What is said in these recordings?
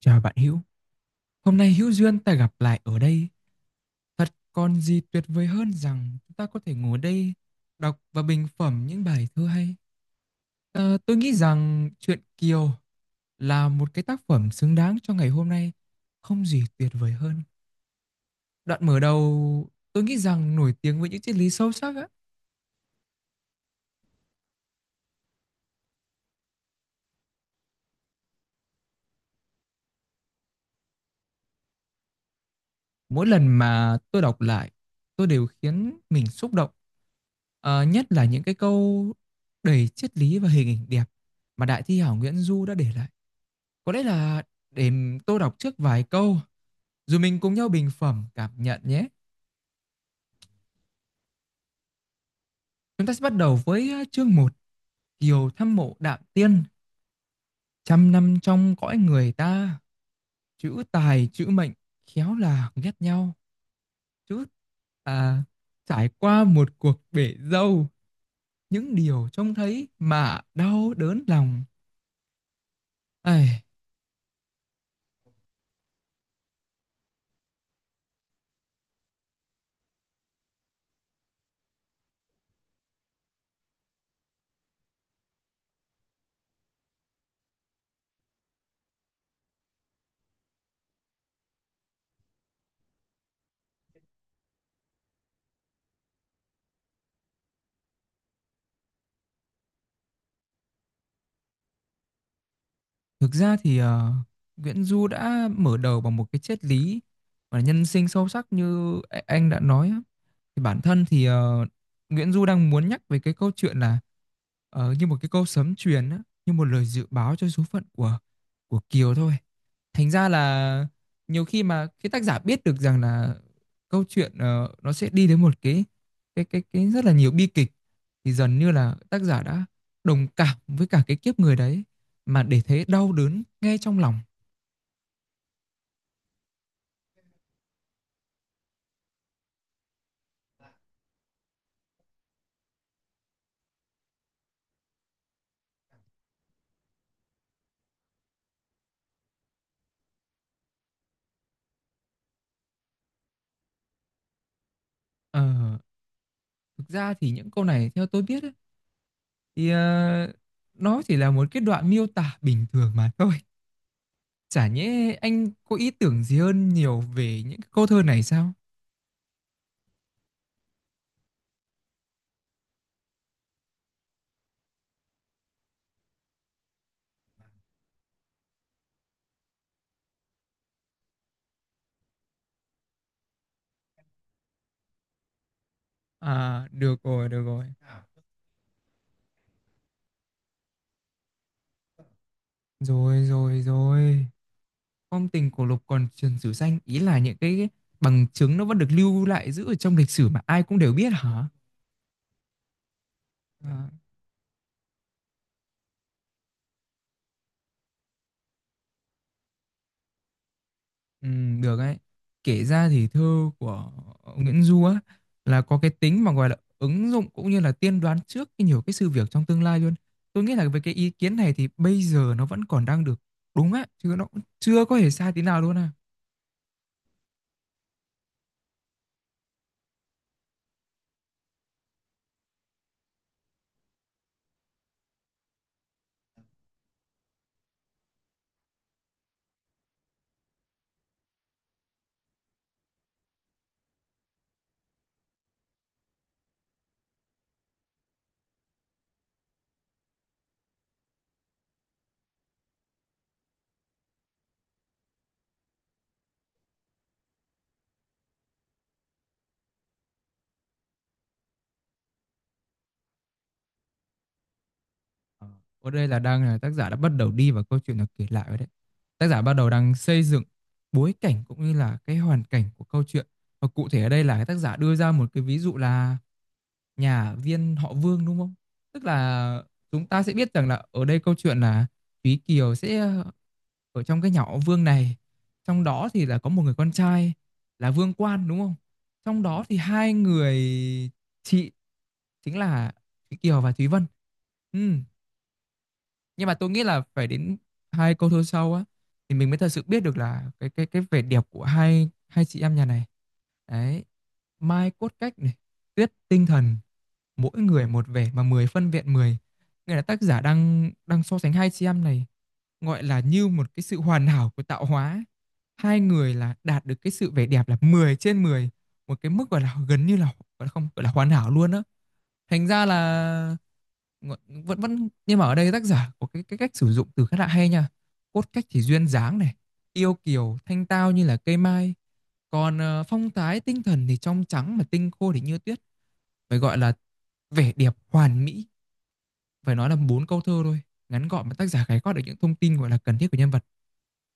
Chào bạn Hữu, hôm nay hữu duyên ta gặp lại ở đây. Thật còn gì tuyệt vời hơn rằng chúng ta có thể ngồi đây đọc và bình phẩm những bài thơ hay. Tôi nghĩ rằng truyện Kiều là một cái tác phẩm xứng đáng cho ngày hôm nay, không gì tuyệt vời hơn. Đoạn mở đầu tôi nghĩ rằng nổi tiếng với những triết lý sâu sắc á. Mỗi lần mà tôi đọc lại, tôi đều khiến mình xúc động. Nhất là những cái câu đầy triết lý và hình ảnh đẹp mà đại thi hảo Nguyễn Du đã để lại. Có lẽ là để tôi đọc trước vài câu, rồi mình cùng nhau bình phẩm cảm nhận nhé. Chúng ta sẽ bắt đầu với chương một Kiều thăm mộ Đạm Tiên, trăm năm trong cõi người ta, chữ tài chữ mệnh, khéo là ghét nhau. Chữ à, Trải qua một cuộc bể dâu, những điều trông thấy mà đau đớn lòng. Ai, thực ra thì Nguyễn Du đã mở đầu bằng một cái triết lý và nhân sinh sâu sắc như anh đã nói. Thì bản thân thì Nguyễn Du đang muốn nhắc về cái câu chuyện là như một cái câu sấm truyền á, như một lời dự báo cho số phận của Kiều thôi. Thành ra là nhiều khi mà cái tác giả biết được rằng là câu chuyện nó sẽ đi đến một cái rất là nhiều bi kịch thì dần như là tác giả đã đồng cảm với cả cái kiếp người đấy mà để thấy đau đớn ngay trong lòng. Ờ, Thực ra thì những câu này theo tôi biết ấy, thì nó chỉ là một cái đoạn miêu tả bình thường mà thôi. Chả nhẽ anh có ý tưởng gì hơn nhiều về những cái câu thơ này sao? À, được rồi, được rồi. Rồi, rồi, rồi. Phong tình cổ lục còn truyền sử xanh, ý là những cái bằng chứng nó vẫn được lưu lại giữ ở trong lịch sử mà ai cũng đều biết hả? À. Ừ, được ấy. Kể ra thì thơ của Nguyễn Du á là có cái tính mà gọi là ứng dụng cũng như là tiên đoán trước cái nhiều cái sự việc trong tương lai luôn. Tôi nghĩ là với cái ý kiến này thì bây giờ nó vẫn còn đang được đúng á, chứ nó cũng chưa có hề sai tí nào luôn à. Ờ, Ở đây là đang là tác giả đã bắt đầu đi vào câu chuyện được kể lại rồi đấy. Tác giả bắt đầu đang xây dựng bối cảnh cũng như là cái hoàn cảnh của câu chuyện. Và cụ thể ở đây là cái tác giả đưa ra một cái ví dụ là nhà viên họ Vương đúng không? Tức là chúng ta sẽ biết rằng là ở đây câu chuyện là Thúy Kiều sẽ ở trong cái nhà họ Vương này. Trong đó thì là có một người con trai là Vương Quan đúng không? Trong đó thì hai người chị chính là Thúy Kiều và Thúy Vân. Ừ, nhưng mà tôi nghĩ là phải đến hai câu thơ sau á thì mình mới thật sự biết được là cái vẻ đẹp của hai hai chị em nhà này đấy. Mai cốt cách này, Tuyết tinh thần, mỗi người một vẻ mà 10 phân vẹn mười, nghĩa là tác giả đang đang so sánh hai chị em này, gọi là như một cái sự hoàn hảo của tạo hóa, hai người là đạt được cái sự vẻ đẹp là 10/10, một cái mức gọi là gần như là gọi là không gọi là hoàn hảo luôn á. Thành ra là vẫn vẫn nhưng mà ở đây tác giả có cái cách sử dụng từ khá là hay nha, cốt cách thì duyên dáng này, yêu kiều thanh tao như là cây mai, còn phong thái tinh thần thì trong trắng mà tinh khô thì như tuyết, phải gọi là vẻ đẹp hoàn mỹ. Phải nói là bốn câu thơ thôi, ngắn gọn mà tác giả khái quát được những thông tin gọi là cần thiết của nhân vật,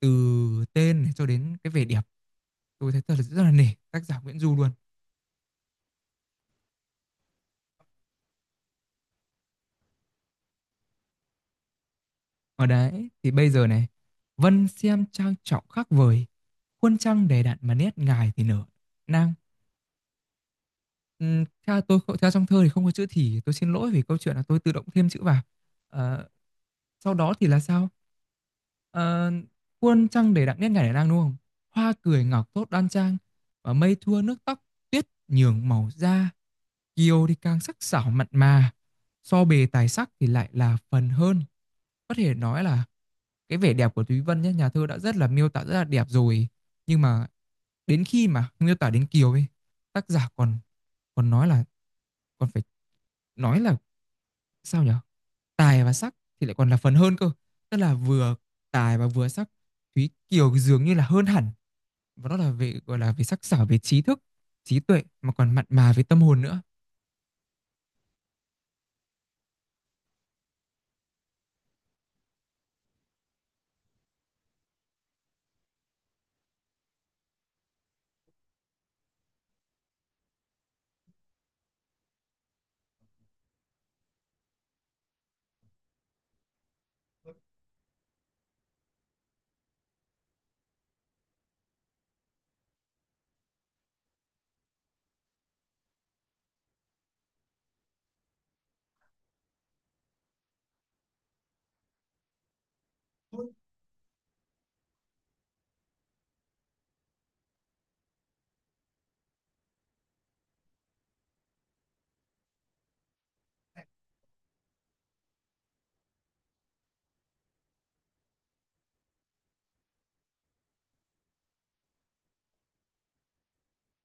từ tên này cho đến cái vẻ đẹp. Tôi thấy thật là rất là nể tác giả Nguyễn Du luôn. Ở đấy thì bây giờ này, Vân xem trang trọng khác vời, Khuôn trăng đầy đặn mà nét ngài thì nở nang. Theo tôi theo trong thơ thì không có chữ "thì", tôi xin lỗi vì câu chuyện là tôi tự động thêm chữ vào. Ờ, Sau đó thì là sao? Ờ, "Muôn trăng đầy đặn nét ngày nở nang", đúng không? "Hoa cười ngọc thốt đoan trang, và mây thua nước tóc, tuyết nhường màu da." Kiều thì càng sắc sảo mặn mà, so bề tài sắc thì lại là phần hơn. Có thể nói là cái vẻ đẹp của Thúy Vân nhá, nhà thơ đã rất là miêu tả rất là đẹp rồi, nhưng mà đến khi mà miêu tả đến Kiều ấy, tác giả còn còn nói là còn phải nói là sao nhở, tài và sắc thì lại còn là phần hơn cơ, tức là vừa tài và vừa sắc, Thúy Kiều dường như là hơn hẳn, và đó là về gọi là về sắc sảo, về trí thức trí tuệ mà còn mặn mà về tâm hồn nữa.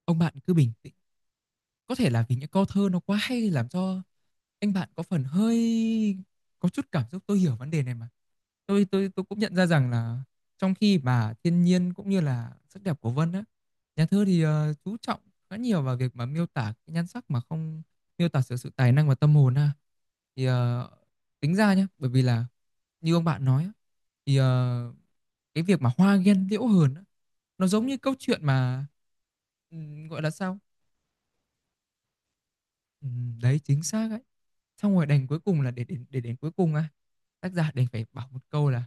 Ông bạn cứ bình tĩnh, có thể là vì những câu thơ nó quá hay làm cho anh bạn có phần hơi có chút cảm xúc. Tôi hiểu vấn đề này mà, tôi cũng nhận ra rằng là trong khi mà thiên nhiên cũng như là sắc đẹp của Vân á, nhà thơ thì chú trọng khá nhiều vào việc mà miêu tả cái nhan sắc mà không miêu tả sự sự tài năng và tâm hồn ha, thì tính ra nhá, bởi vì là như ông bạn nói á, thì cái việc mà hoa ghen liễu hờn á, nó giống như câu chuyện mà gọi là sao. Đấy, chính xác ấy. Xong rồi đành cuối cùng là để đến cuối cùng á, tác giả đành phải bảo một câu là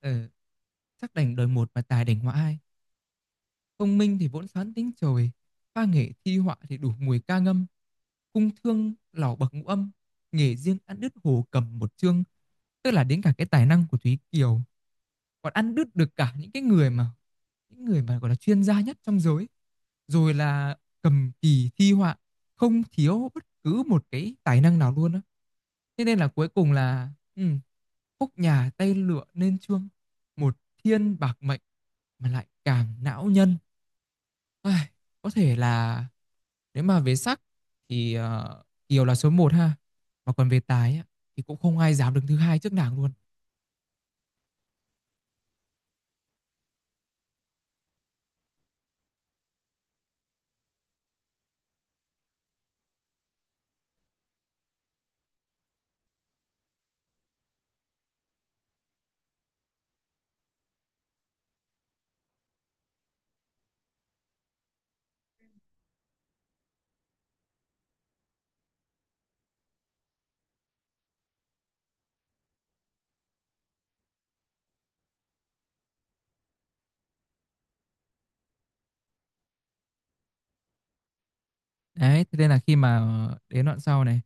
"Ờ, sắc đành đời một mà tài đành họa hai, công minh thì vốn xoán tính trời, pha nghệ thi họa thì đủ mùi ca ngâm, cung thương lỏ bậc ngũ âm, nghề riêng ăn đứt hồ cầm một chương." Tức là đến cả cái tài năng của Thúy Kiều còn ăn đứt được cả những cái người mà những người mà gọi là chuyên gia nhất trong giới, rồi là cầm kỳ thi họa, không thiếu bất cứ một cái tài năng nào luôn á. Thế nên là cuối cùng là ừ, khúc nhà tay lựa nên chương, một thiên bạc mệnh mà lại càng não nhân. Ai, có thể là nếu mà về sắc thì Kiều là số một ha, mà còn về tài á, thì cũng không ai dám đứng thứ hai trước nàng luôn. Đấy, thế nên là khi mà đến đoạn sau này,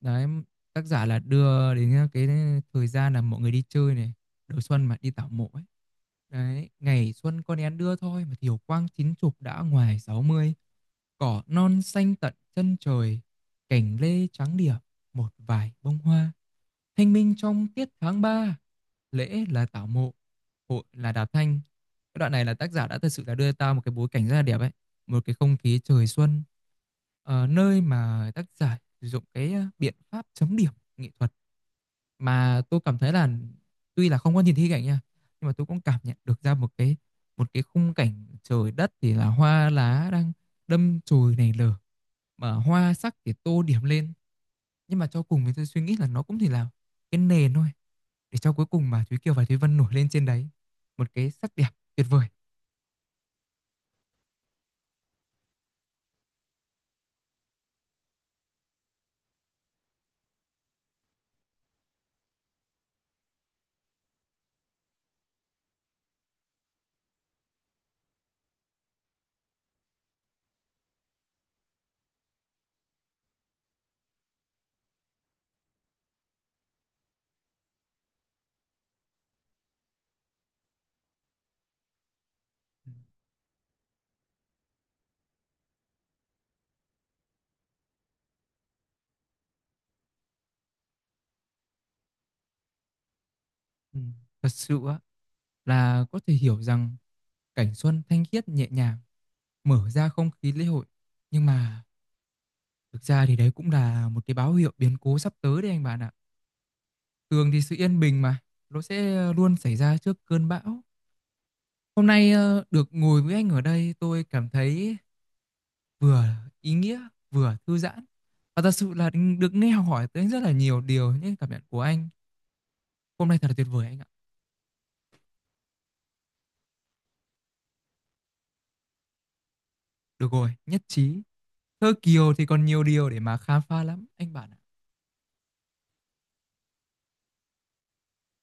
đấy, tác giả là đưa đến cái thời gian là mọi người đi chơi này, đầu xuân mà đi tảo mộ ấy. Đấy, ngày xuân con én đưa thôi mà thiều quang chín chục đã ngoài sáu mươi, cỏ non xanh tận chân trời, cành lê trắng điểm, một vài bông hoa. Thanh minh trong tiết tháng 3, lễ là tảo mộ, hội là đạp thanh. Cái đoạn này là tác giả đã thật sự là đưa ta một cái bối cảnh rất là đẹp ấy, một cái không khí trời xuân, nơi mà tác giả sử dụng cái biện pháp chấm điểm nghệ thuật, mà tôi cảm thấy là tuy là không có nhìn thấy cảnh nha, nhưng mà tôi cũng cảm nhận được ra một cái khung cảnh trời đất thì là hoa lá đang đâm chồi nảy nở, mà hoa sắc thì tô điểm lên, nhưng mà cho cùng thì tôi suy nghĩ là nó cũng chỉ là cái nền thôi, để cho cuối cùng mà Thúy Kiều và Thúy Vân nổi lên trên đấy một cái sắc đẹp tuyệt vời. Ừ. Thật sự á, là có thể hiểu rằng cảnh xuân thanh khiết nhẹ nhàng, mở ra không khí lễ hội. Nhưng mà thực ra thì đấy cũng là một cái báo hiệu biến cố sắp tới đấy anh bạn ạ. Thường thì sự yên bình mà, nó sẽ luôn xảy ra trước cơn bão. Hôm nay được ngồi với anh ở đây tôi cảm thấy vừa ý nghĩa, vừa thư giãn. Và thật sự là được nghe học hỏi tới rất là nhiều điều những cảm nhận của anh. Hôm nay thật là tuyệt vời anh ạ. Được rồi, nhất trí. Thơ Kiều thì còn nhiều điều để mà khám phá lắm anh bạn ạ.